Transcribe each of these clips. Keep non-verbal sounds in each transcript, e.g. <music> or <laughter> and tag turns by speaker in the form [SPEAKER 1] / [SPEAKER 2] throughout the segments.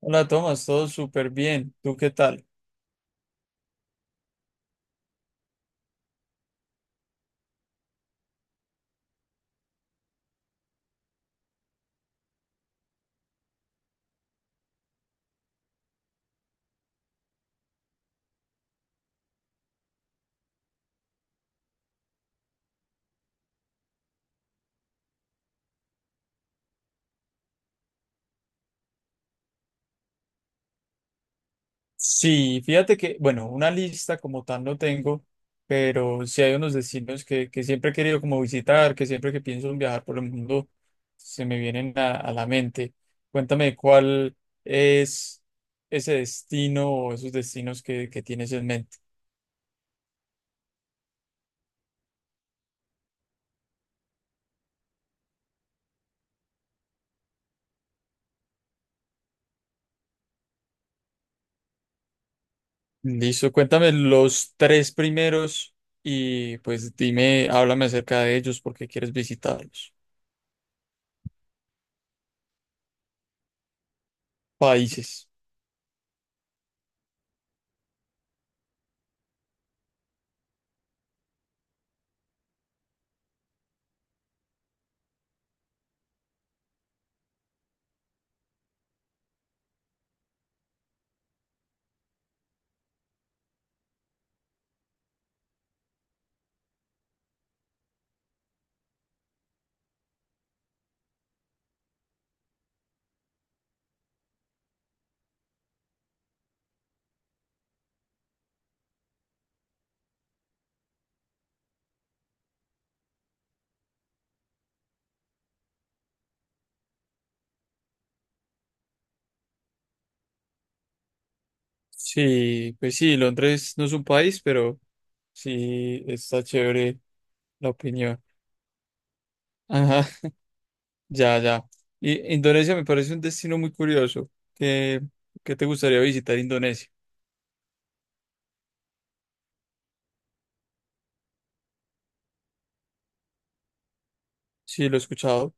[SPEAKER 1] Hola, Tomás, todo súper bien. ¿Tú qué tal? Sí, fíjate que, bueno, una lista como tal no tengo, pero sí hay unos destinos que siempre he querido como visitar, que siempre que pienso en viajar por el mundo se me vienen a la mente. Cuéntame cuál es ese destino o esos destinos que tienes en mente. Listo, cuéntame los tres primeros y pues dime, háblame acerca de ellos porque quieres visitarlos. Países. Sí, pues sí, Londres no es un país, pero sí está chévere la opinión. Ajá, <laughs> ya, ya. Y Indonesia me parece un destino muy curioso. ¿Qué te gustaría visitar Indonesia? Sí, lo he escuchado.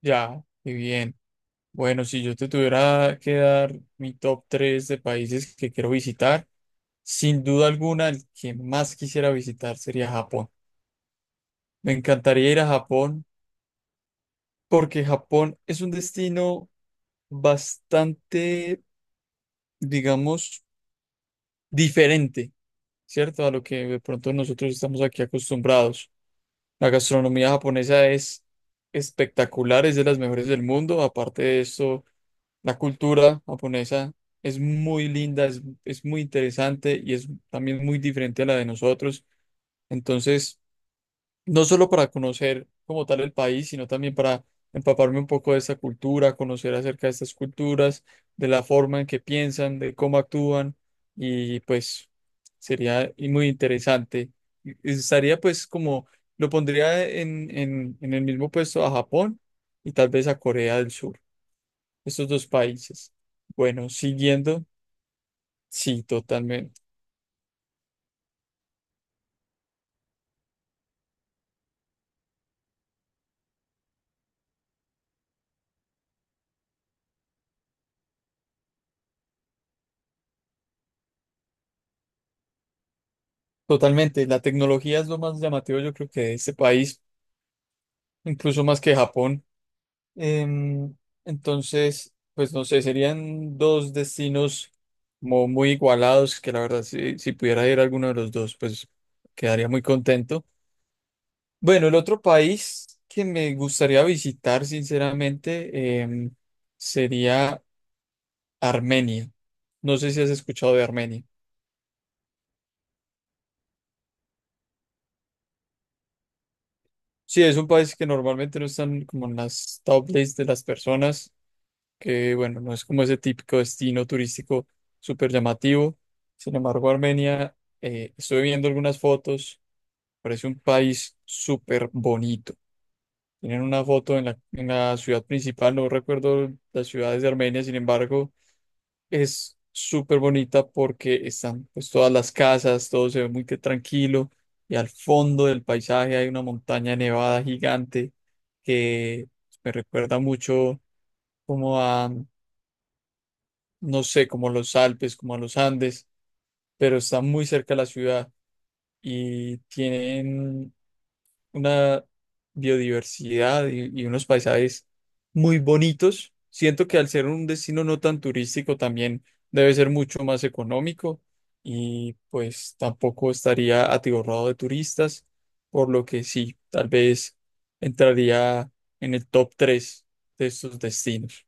[SPEAKER 1] Ya, qué bien. Bueno, si yo te tuviera que dar mi top 3 de países que quiero visitar, sin duda alguna el que más quisiera visitar sería Japón. Me encantaría ir a Japón porque Japón es un destino bastante, digamos, diferente, ¿cierto? A lo que de pronto nosotros estamos aquí acostumbrados. La gastronomía japonesa es espectacular, es de las mejores del mundo. Aparte de eso, la cultura japonesa es muy linda, es muy interesante y es también muy diferente a la de nosotros. Entonces, no solo para conocer como tal el país, sino también para empaparme un poco de esta cultura, conocer acerca de estas culturas, de la forma en que piensan, de cómo actúan, y pues sería y muy interesante. Y estaría pues como, lo pondría en el mismo puesto a Japón y tal vez a Corea del Sur, estos dos países. Bueno, siguiendo, sí, totalmente. Totalmente, la tecnología es lo más llamativo yo creo que de este país, incluso más que Japón. Em, entonces, pues no sé, serían dos destinos como muy igualados, que la verdad, si pudiera ir a alguno de los dos, pues quedaría muy contento. Bueno, el otro país que me gustaría visitar, sinceramente, sería Armenia. No sé si has escuchado de Armenia. Sí, es un país que normalmente no está como en las top lists de las personas. Que bueno, no es como ese típico destino turístico súper llamativo. Sin embargo, Armenia, estuve viendo algunas fotos, parece un país súper bonito. Tienen una foto en la ciudad principal, no recuerdo las ciudades de Armenia. Sin embargo, es súper bonita porque están pues todas las casas, todo se ve muy que tranquilo y al fondo del paisaje hay una montaña nevada gigante que me recuerda mucho como a, no sé, como los Alpes, como a los Andes, pero está muy cerca de la ciudad y tienen una biodiversidad y unos paisajes muy bonitos. Siento que al ser un destino no tan turístico también debe ser mucho más económico y pues tampoco estaría atiborrado de turistas, por lo que sí, tal vez entraría en el top 3 de estos destinos.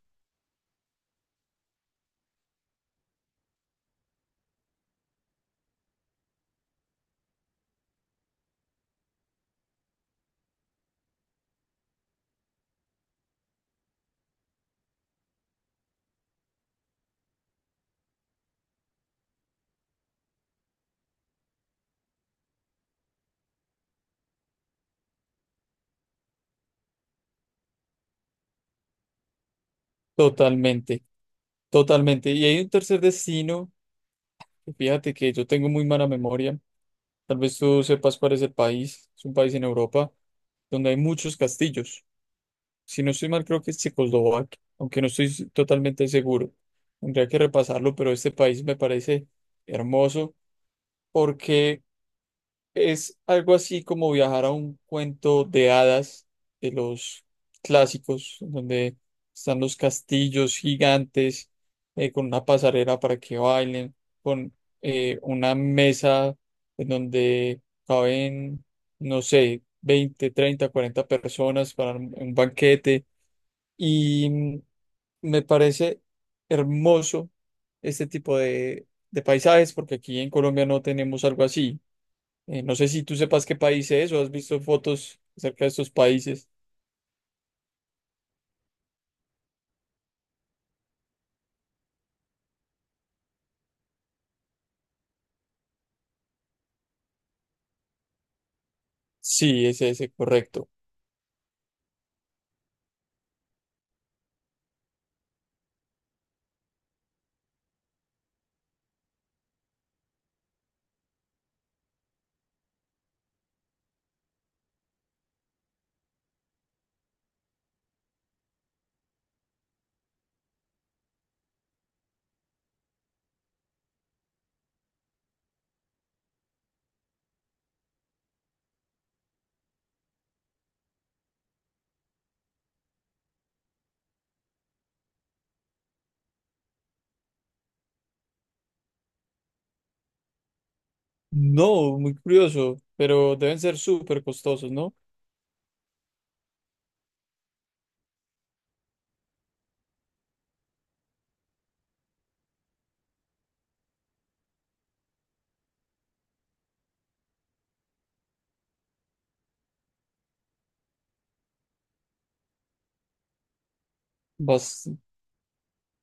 [SPEAKER 1] Totalmente, totalmente. Y hay un tercer destino. Fíjate que yo tengo muy mala memoria. Tal vez tú sepas cuál es el país. Es un país en Europa donde hay muchos castillos. Si no estoy mal, creo que es Checoslovaquia, aunque no estoy totalmente seguro. Tendría que repasarlo, pero este país me parece hermoso porque es algo así como viajar a un cuento de hadas de los clásicos, en donde están los castillos gigantes, con una pasarela para que bailen, con una mesa en donde caben, no sé, 20 30 40 personas para un banquete. Y me parece hermoso este tipo de paisajes porque aquí en Colombia no tenemos algo así. No sé si tú sepas qué país es o has visto fotos acerca de estos países. Sí, es ese, correcto. No, muy curioso, pero deben ser súper costosos, ¿no? Bas-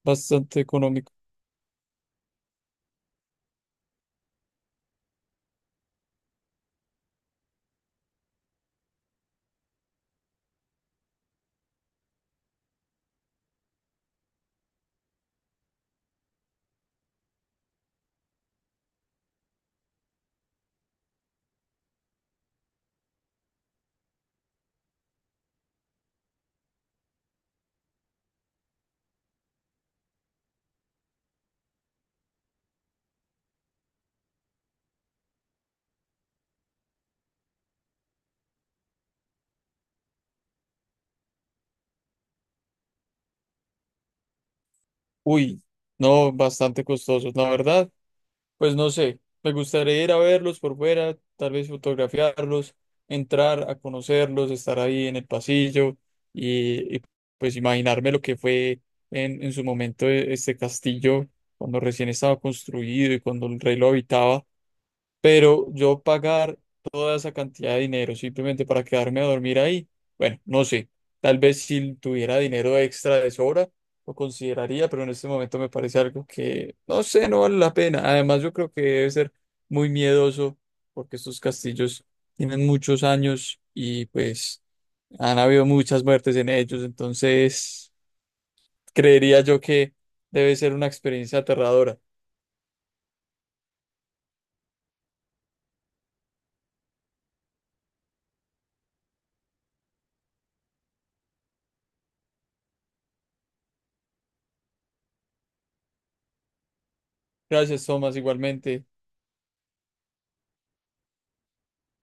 [SPEAKER 1] Bastante económico. Uy, no, bastante costosos, la verdad. Pues no sé, me gustaría ir a verlos por fuera, tal vez fotografiarlos, entrar a conocerlos, estar ahí en el pasillo y, y, pues imaginarme lo que fue en su momento este castillo cuando recién estaba construido y cuando el rey lo habitaba. Pero yo pagar toda esa cantidad de dinero simplemente para quedarme a dormir ahí, bueno, no sé. Tal vez si tuviera dinero extra de sobra, lo consideraría, pero en este momento me parece algo que, no sé, no vale la pena. Además, yo creo que debe ser muy miedoso porque estos castillos tienen muchos años y pues han habido muchas muertes en ellos. Entonces, creería yo que debe ser una experiencia aterradora. Gracias, Tomás, igualmente.